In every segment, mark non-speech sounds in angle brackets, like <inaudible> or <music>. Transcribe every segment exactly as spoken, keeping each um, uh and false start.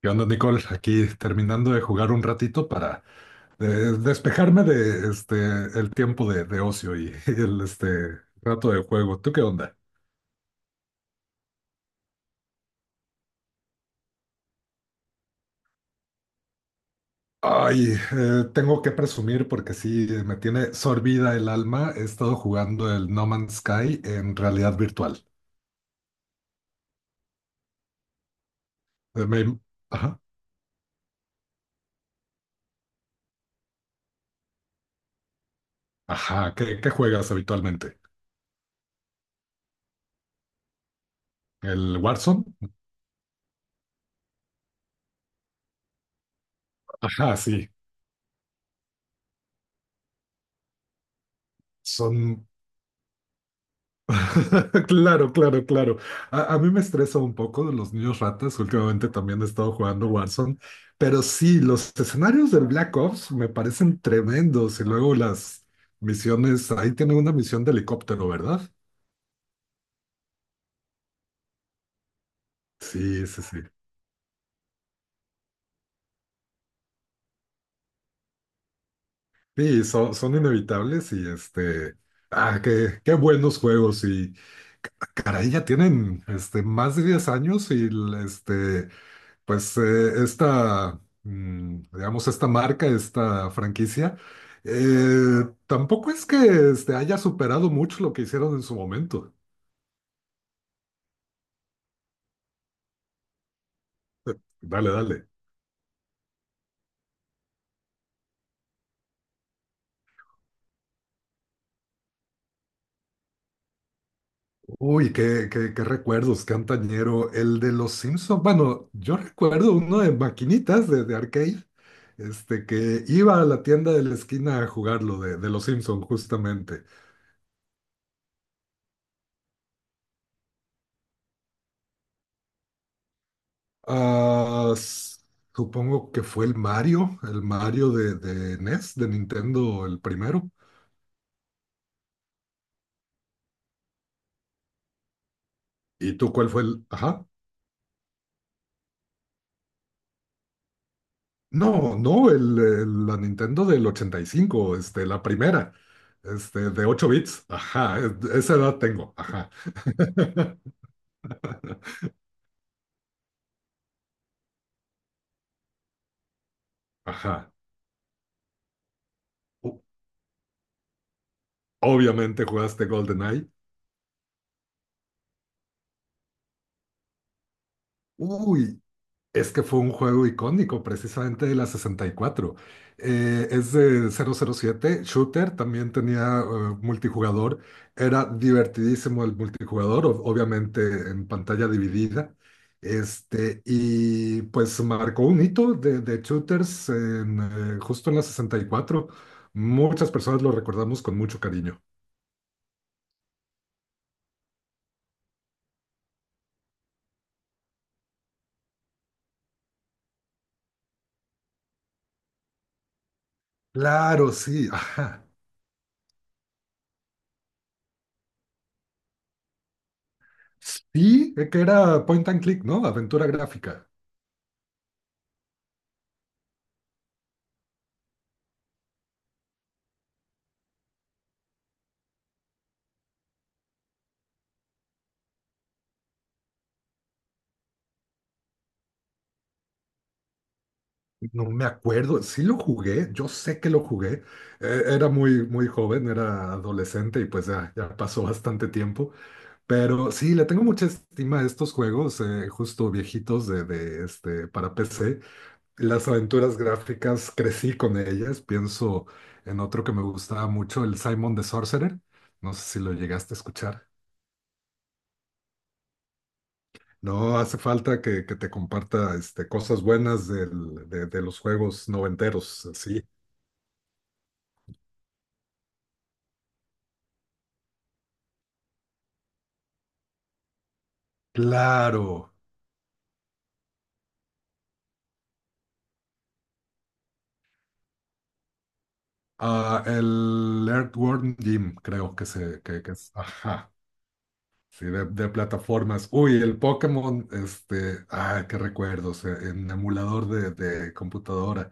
¿Qué onda, Nicole? Aquí terminando de jugar un ratito para eh, despejarme de este el tiempo de, de ocio y, <laughs> el este rato de juego. ¿Tú qué onda? Ay, eh, tengo que presumir porque sí eh, me tiene sorbida el alma. He estado jugando el No Man's Sky en realidad virtual. Eh, me- ajá, ajá. ¿Qué, qué juegas habitualmente? ¿El Warzone? Ajá, sí. Son <laughs> Claro, claro, claro. A, a mí me estresa un poco de los niños ratas. Últimamente también he estado jugando Warzone, pero sí, los escenarios del Black Ops me parecen tremendos. Y luego las misiones, ahí tiene una misión de helicóptero, ¿verdad? Sí, sí, sí. Sí, son, son inevitables y este, ah, qué, qué buenos juegos y ca- caray, ya tienen este, más de diez años y el, este, pues eh, esta, mm, digamos, esta marca, esta franquicia, eh, tampoco es que este, haya superado mucho lo que hicieron en su momento. Eh, Dale, dale. Uy, qué, qué, qué recuerdos, qué antañero. El de los Simpsons. Bueno, yo recuerdo uno de maquinitas de, de arcade, este, que iba a la tienda de la esquina a jugarlo de, de los Simpsons, justamente. Ah, s- Supongo que fue el Mario, el Mario de, de N E S, de Nintendo, el primero. ¿Y tú cuál fue el...? Ajá. No, no, el, el- la Nintendo del ochenta y cinco, este, la primera, este, de ocho bits. Ajá, es- esa edad tengo. Ajá, ajá. O- Obviamente jugaste GoldenEye. Uy, es que fue un juego icónico, precisamente de la sesenta y cuatro. Eh, es de cero cero siete shooter, también tenía eh, multijugador. Era divertidísimo el multijugador, ob- obviamente en pantalla dividida. Este, y pues marcó un hito de, de shooters en, eh, justo en la sesenta y cuatro. Muchas personas lo recordamos con mucho cariño. Claro, sí, ajá. Sí, eh, que era point and click, ¿no? Aventura gráfica. No me acuerdo, sí lo jugué, yo sé que lo jugué, eh, era muy, muy joven, era adolescente y pues ya, ya pasó bastante tiempo, pero sí, le tengo mucha estima a estos juegos, eh, justo viejitos de, de, este, para P C. Las aventuras gráficas crecí con ellas, pienso en otro que me gustaba mucho, el Simon the Sorcerer, no sé si lo llegaste a escuchar. No, hace falta que, que te comparta este, cosas buenas del- de, de los juegos noventeros, sí. Claro, ah, el Earthworm Jim, creo que se, que, que es, ajá, sí, de, de plataformas. Uy, el Pokémon, este, ah, qué recuerdos, eh, en emulador de, de computadora.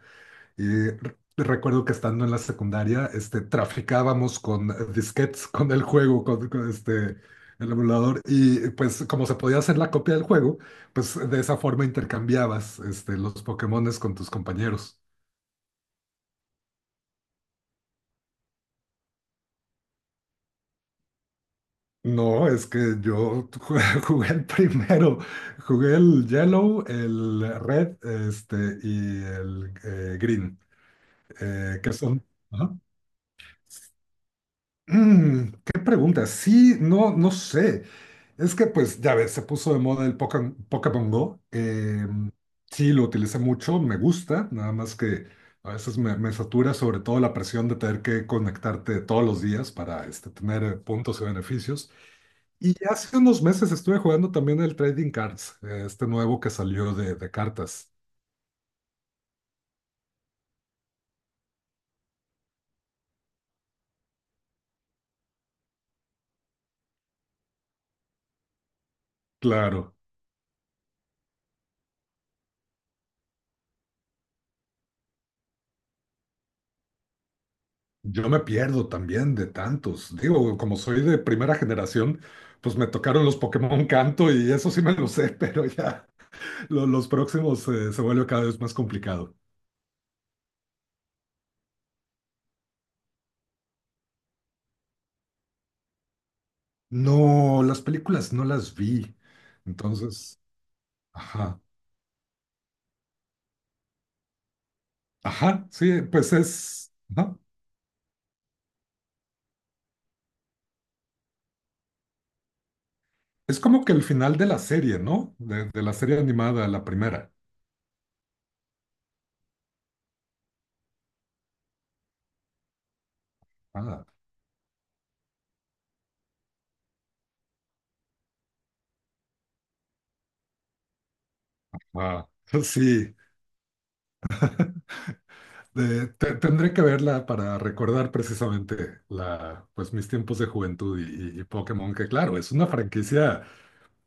Y re- recuerdo que estando en la secundaria, este, traficábamos con disquetes, con el juego, con, con este, el emulador, y pues como se podía hacer la copia del juego, pues de esa forma intercambiabas, este, los Pokémones con tus compañeros. No, es que yo jugué, <laughs> jugué el primero, jugué el yellow, el red, este, y el eh, green, eh, que son... Ajá. Mm, ¿qué pregunta? Sí, no, no sé. Es que pues ya ves, se puso de moda el poca Pokémon Go. eh, sí, lo utilicé mucho, me gusta, nada más que a veces me, me satura sobre todo la presión de tener que conectarte todos los días para este, tener eh, puntos y beneficios. Y hace unos meses estuve jugando también el Trading Cards, eh, este nuevo que salió de, de cartas. Claro, yo me pierdo también de tantos. Digo, como soy de primera generación, pues me tocaron los Pokémon Canto y eso sí me lo sé, <laughs> pero ya lo- los próximos eh, se vuelve cada vez más complicado. No, las películas no las vi. Entonces, ajá, ajá, sí, pues es, ajá. Es como que el final de la serie, ¿no? De, de la serie animada, la primera. Ah. Ah, <laughs> sí, de- te- tendré que verla para recordar precisamente la, pues, mis tiempos de juventud y, y- y Pokémon, que claro, es una franquicia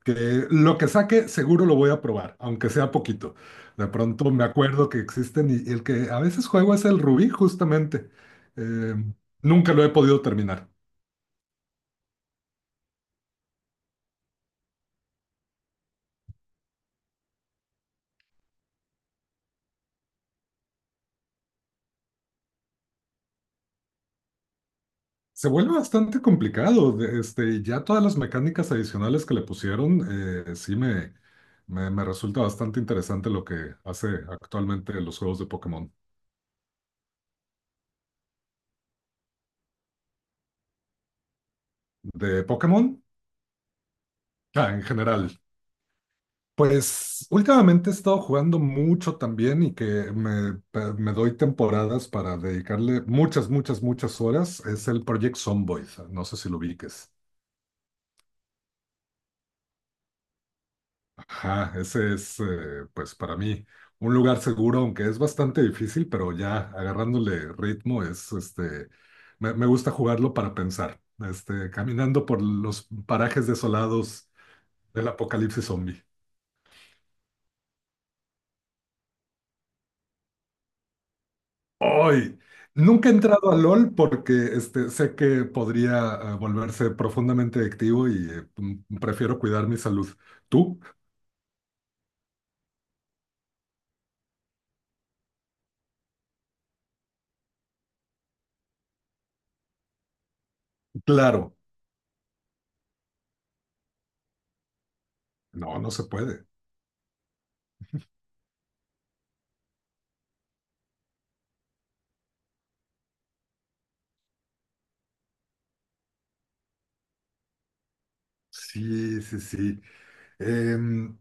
que lo que saque seguro lo voy a probar, aunque sea poquito. De pronto me acuerdo que existen y, y el que a veces juego es el Rubí, justamente. Eh, nunca lo he podido terminar. Se vuelve bastante complicado. De- Este, ya todas las mecánicas adicionales que le pusieron, eh, sí me, me, me resulta bastante interesante lo que hace actualmente los juegos de Pokémon. ¿De Pokémon? Ah, en general. Pues últimamente he estado jugando mucho también y que me, pe- me doy temporadas para dedicarle muchas, muchas, muchas horas. Es el Project Zomboid. No sé si lo ubiques. Ajá, ese es, eh, pues para mí, un lugar seguro, aunque es bastante difícil, pero ya agarrándole ritmo es, este, me, me gusta jugarlo para pensar, este, caminando por los parajes desolados del apocalipsis zombie. Hoy Nunca he entrado a LOL porque, este, sé que podría, eh, volverse profundamente adictivo y, eh, m- prefiero cuidar mi salud. ¿Tú? Claro. No, no se puede. Sí, sí, sí. Em,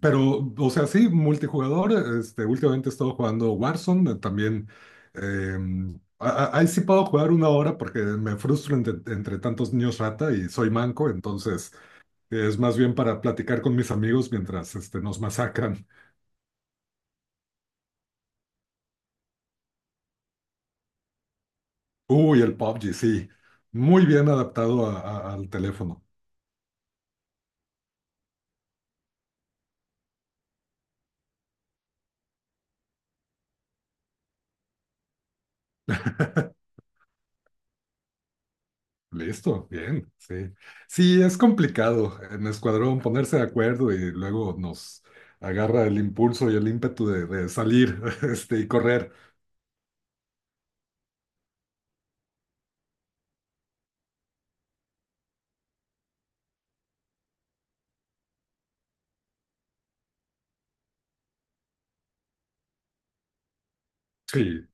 pero, o sea, sí, multijugador. Este, últimamente he estado jugando Warzone. eh, También em, a- a- ahí sí puedo jugar una hora porque me frustro entre, entre tantos niños rata y soy manco. Entonces, eh, es más bien para platicar con mis amigos mientras este, nos masacran. Uy, el P U B G, sí. Muy bien adaptado a- a- al teléfono. Listo, bien, sí. Sí, es complicado en escuadrón ponerse de acuerdo y luego nos agarra el impulso y el ímpetu de, de salir, <laughs> este, y correr. Sí,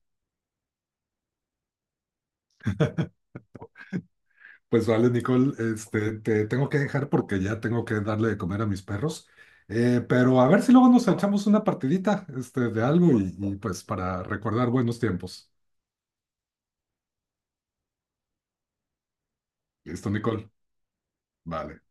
pues vale, Nicole, este, te tengo que dejar porque ya tengo que darle de comer a mis perros. Eh, pero a ver si luego nos echamos una partidita, este, de algo y, y pues para recordar buenos tiempos. Listo, Nicole. Vale.